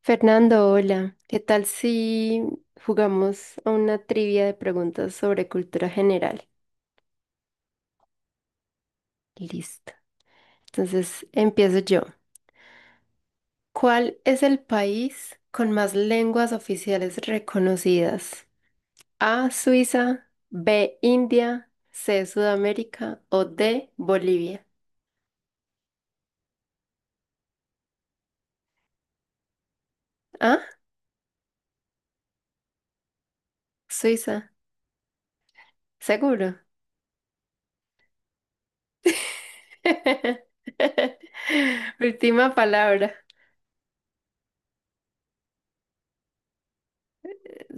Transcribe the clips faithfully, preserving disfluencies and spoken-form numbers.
Fernando, hola. ¿Qué tal si jugamos a una trivia de preguntas sobre cultura general? Listo. Entonces, empiezo yo. ¿Cuál es el país con más lenguas oficiales reconocidas? A, Suiza; B, India; C, Sudamérica; o D, Bolivia. Ah, Suiza, seguro. Última palabra.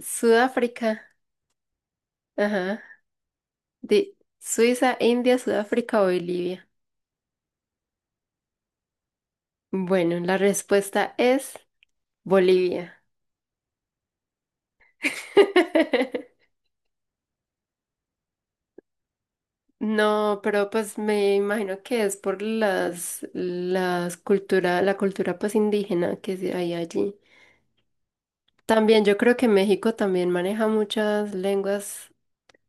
Sudáfrica. Ajá. De Suiza, India, Sudáfrica o Bolivia. Bueno, la respuesta es Bolivia. No, pero pues me imagino que es por las, las cultura, la cultura pues indígena que sí hay allí. También yo creo que México también maneja muchas lenguas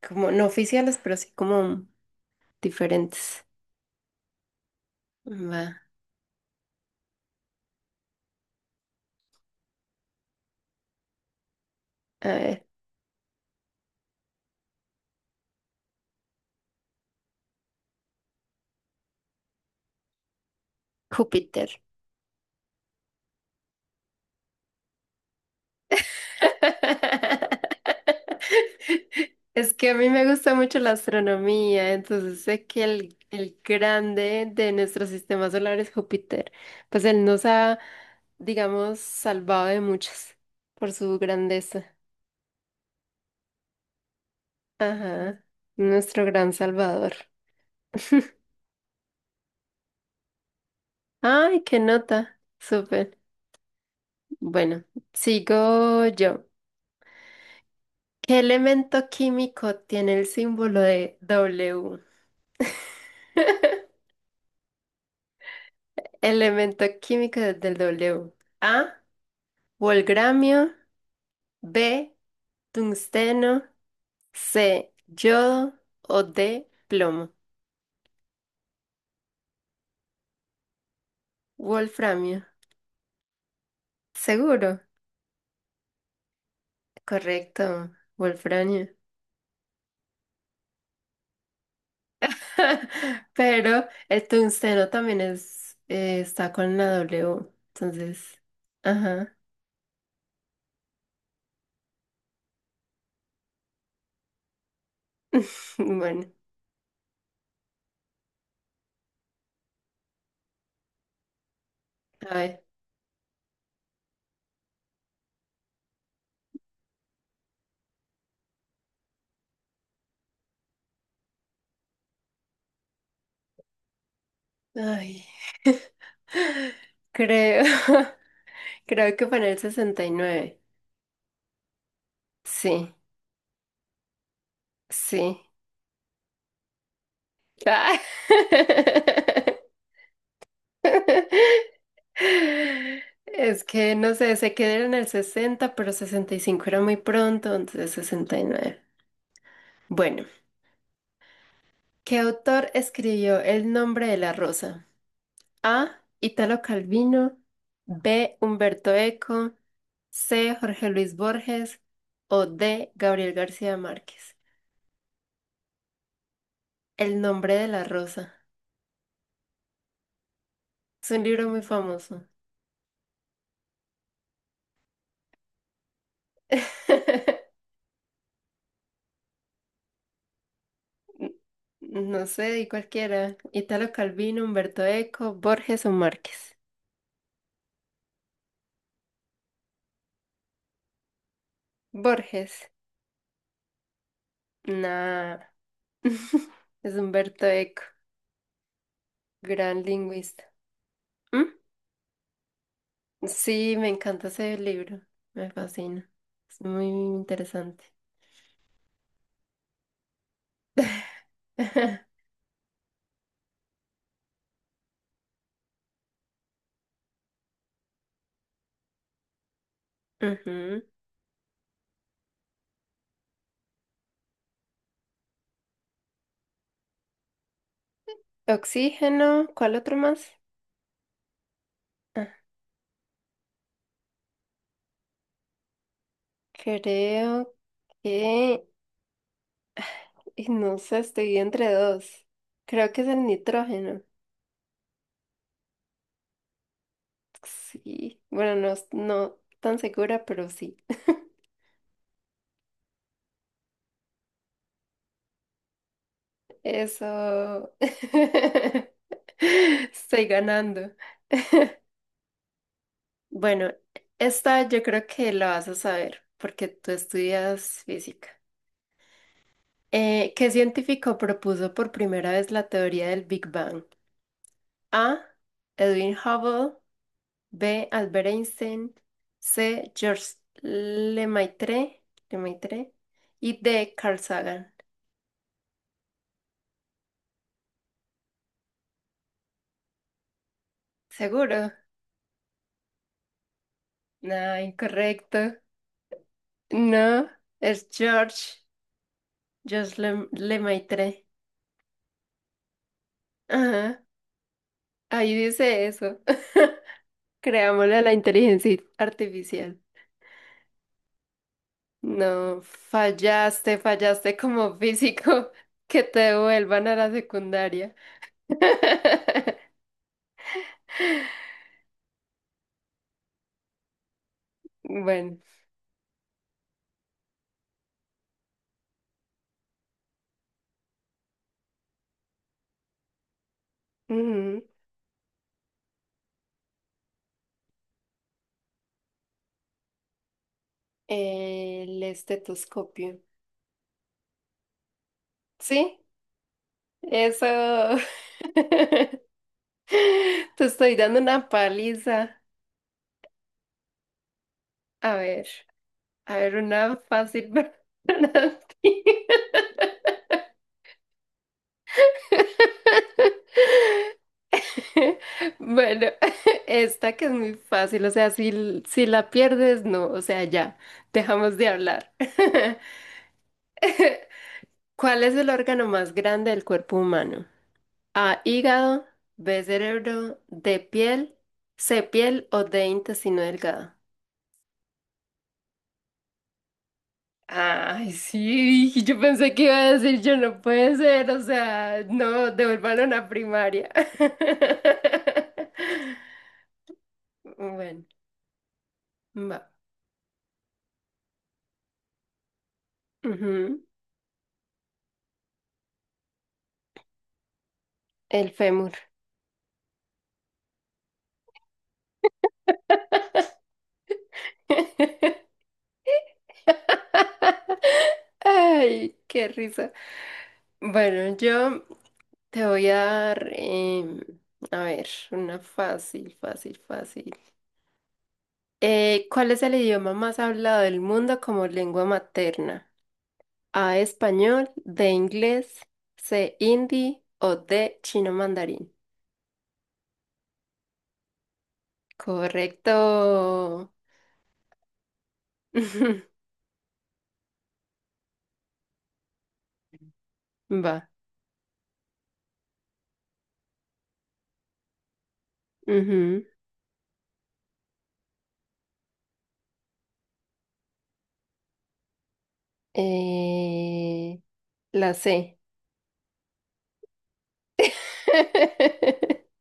como no oficiales, pero sí como diferentes. Va, a ver, Júpiter. Es que a mí me gusta mucho la astronomía, entonces sé que el, el grande de nuestro sistema solar es Júpiter. Pues él nos ha, digamos, salvado de muchas por su grandeza. Ajá, nuestro gran salvador. Ay, qué nota. Súper. Bueno, sigo yo. ¿Qué elemento químico tiene el símbolo de W? Elemento químico de- del W. A, volgramio; B, tungsteno; C, yodo; o D, plomo. Wolframio. Seguro. Correcto. Wolframio. Pero el tungsteno también es, eh, está con la W. Entonces, ajá. Bueno, a ver. Ay. Creo, creo que fue en el sesenta y nueve. Sí. Sí. Ah. Es que no sé, se quedó en el sesenta, pero sesenta y cinco era muy pronto, entonces sesenta y nueve. Bueno, ¿qué autor escribió El nombre de la rosa? A, Italo Calvino; B, Humberto Eco; C, Jorge Luis Borges; o D, Gabriel García Márquez. El nombre de la rosa. Es un libro muy famoso. N- No sé, di cualquiera. Italo Calvino, Humberto Eco, Borges o Márquez. Borges. Nah. Es Humberto Eco, gran lingüista. ¿Mm? Sí, me encanta ese libro. Me fascina. Es muy interesante. Ujú. Oxígeno, ¿cuál otro más? Ah, creo que y no sé, estoy entre dos. Creo que es el nitrógeno. Sí, bueno, no, es- no tan segura, pero sí. Eso. Estoy ganando. Bueno, esta yo creo que la vas a saber porque tú estudias física. Eh, ¿qué científico propuso por primera vez la teoría del Big Bang? A, Edwin Hubble; B, Albert Einstein; C, Georges Lemaitre. Lemaitre. Y D, Carl Sagan. ¿Seguro? No, incorrecto. No, es George, Georges Le, Lemaitre. Ajá, ahí dice eso. Creámosle a la inteligencia artificial. No, fallaste, fallaste como físico. Que te devuelvan a la secundaria. Bueno, ujú. El estetoscopio. Sí, eso. Te estoy dando una paliza. A ver. A ver, una fácil para ti. Bueno, esta que es muy fácil, o sea, si, si la pierdes, no, o sea, ya, dejamos de hablar. ¿Cuál es el órgano más grande del cuerpo humano? A, hígado; B, cerebro; D, piel; C, piel; o D, intestino delgado. Ay, sí, y yo pensé que iba a decir, yo no puede ser, o sea, no, devuélvanlo a primaria. Bueno, va. Ujú. El fémur. Ay, qué risa. Bueno, yo te voy a dar, em, a ver, una fácil, fácil, fácil. Eh, ¿cuál es el idioma más hablado del mundo como lengua materna? A, español; de, inglés; C, hindi; o D, chino mandarín. Correcto. Va. Ujú. Eh, la C.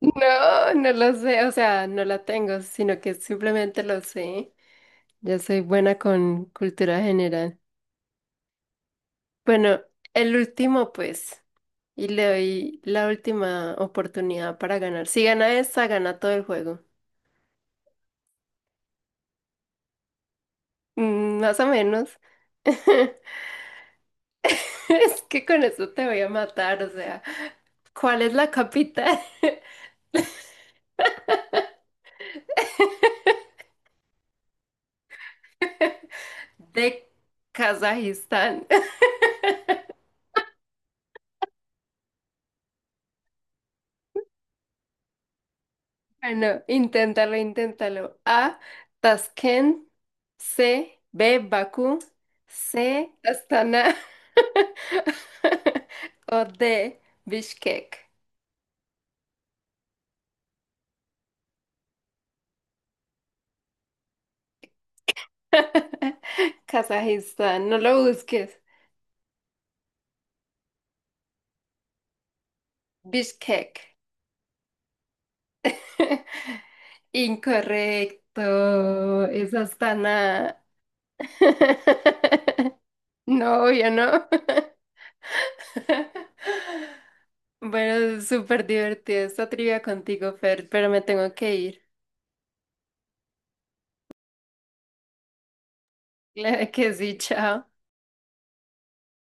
No, no lo sé, o sea, no la tengo, sino que simplemente lo sé. Yo soy buena con cultura general. Bueno, el último pues, y le doy la última oportunidad para ganar. Si gana esta, gana todo el juego. Mm, más o menos. Es que con eso te voy a matar, o sea, ¿cuál es la capital de Kazajistán? Bueno, inténtalo, inténtalo. A, Tashkent; C, B, Bakú; C, Astana; o D, Bishkek. Kazajistán, no lo busques. Bishkek. Incorrecto, es Astana. No, obvio, no. Bueno, súper divertido esta trivia contigo, Fer, pero me tengo que ir. Claro que sí, chao.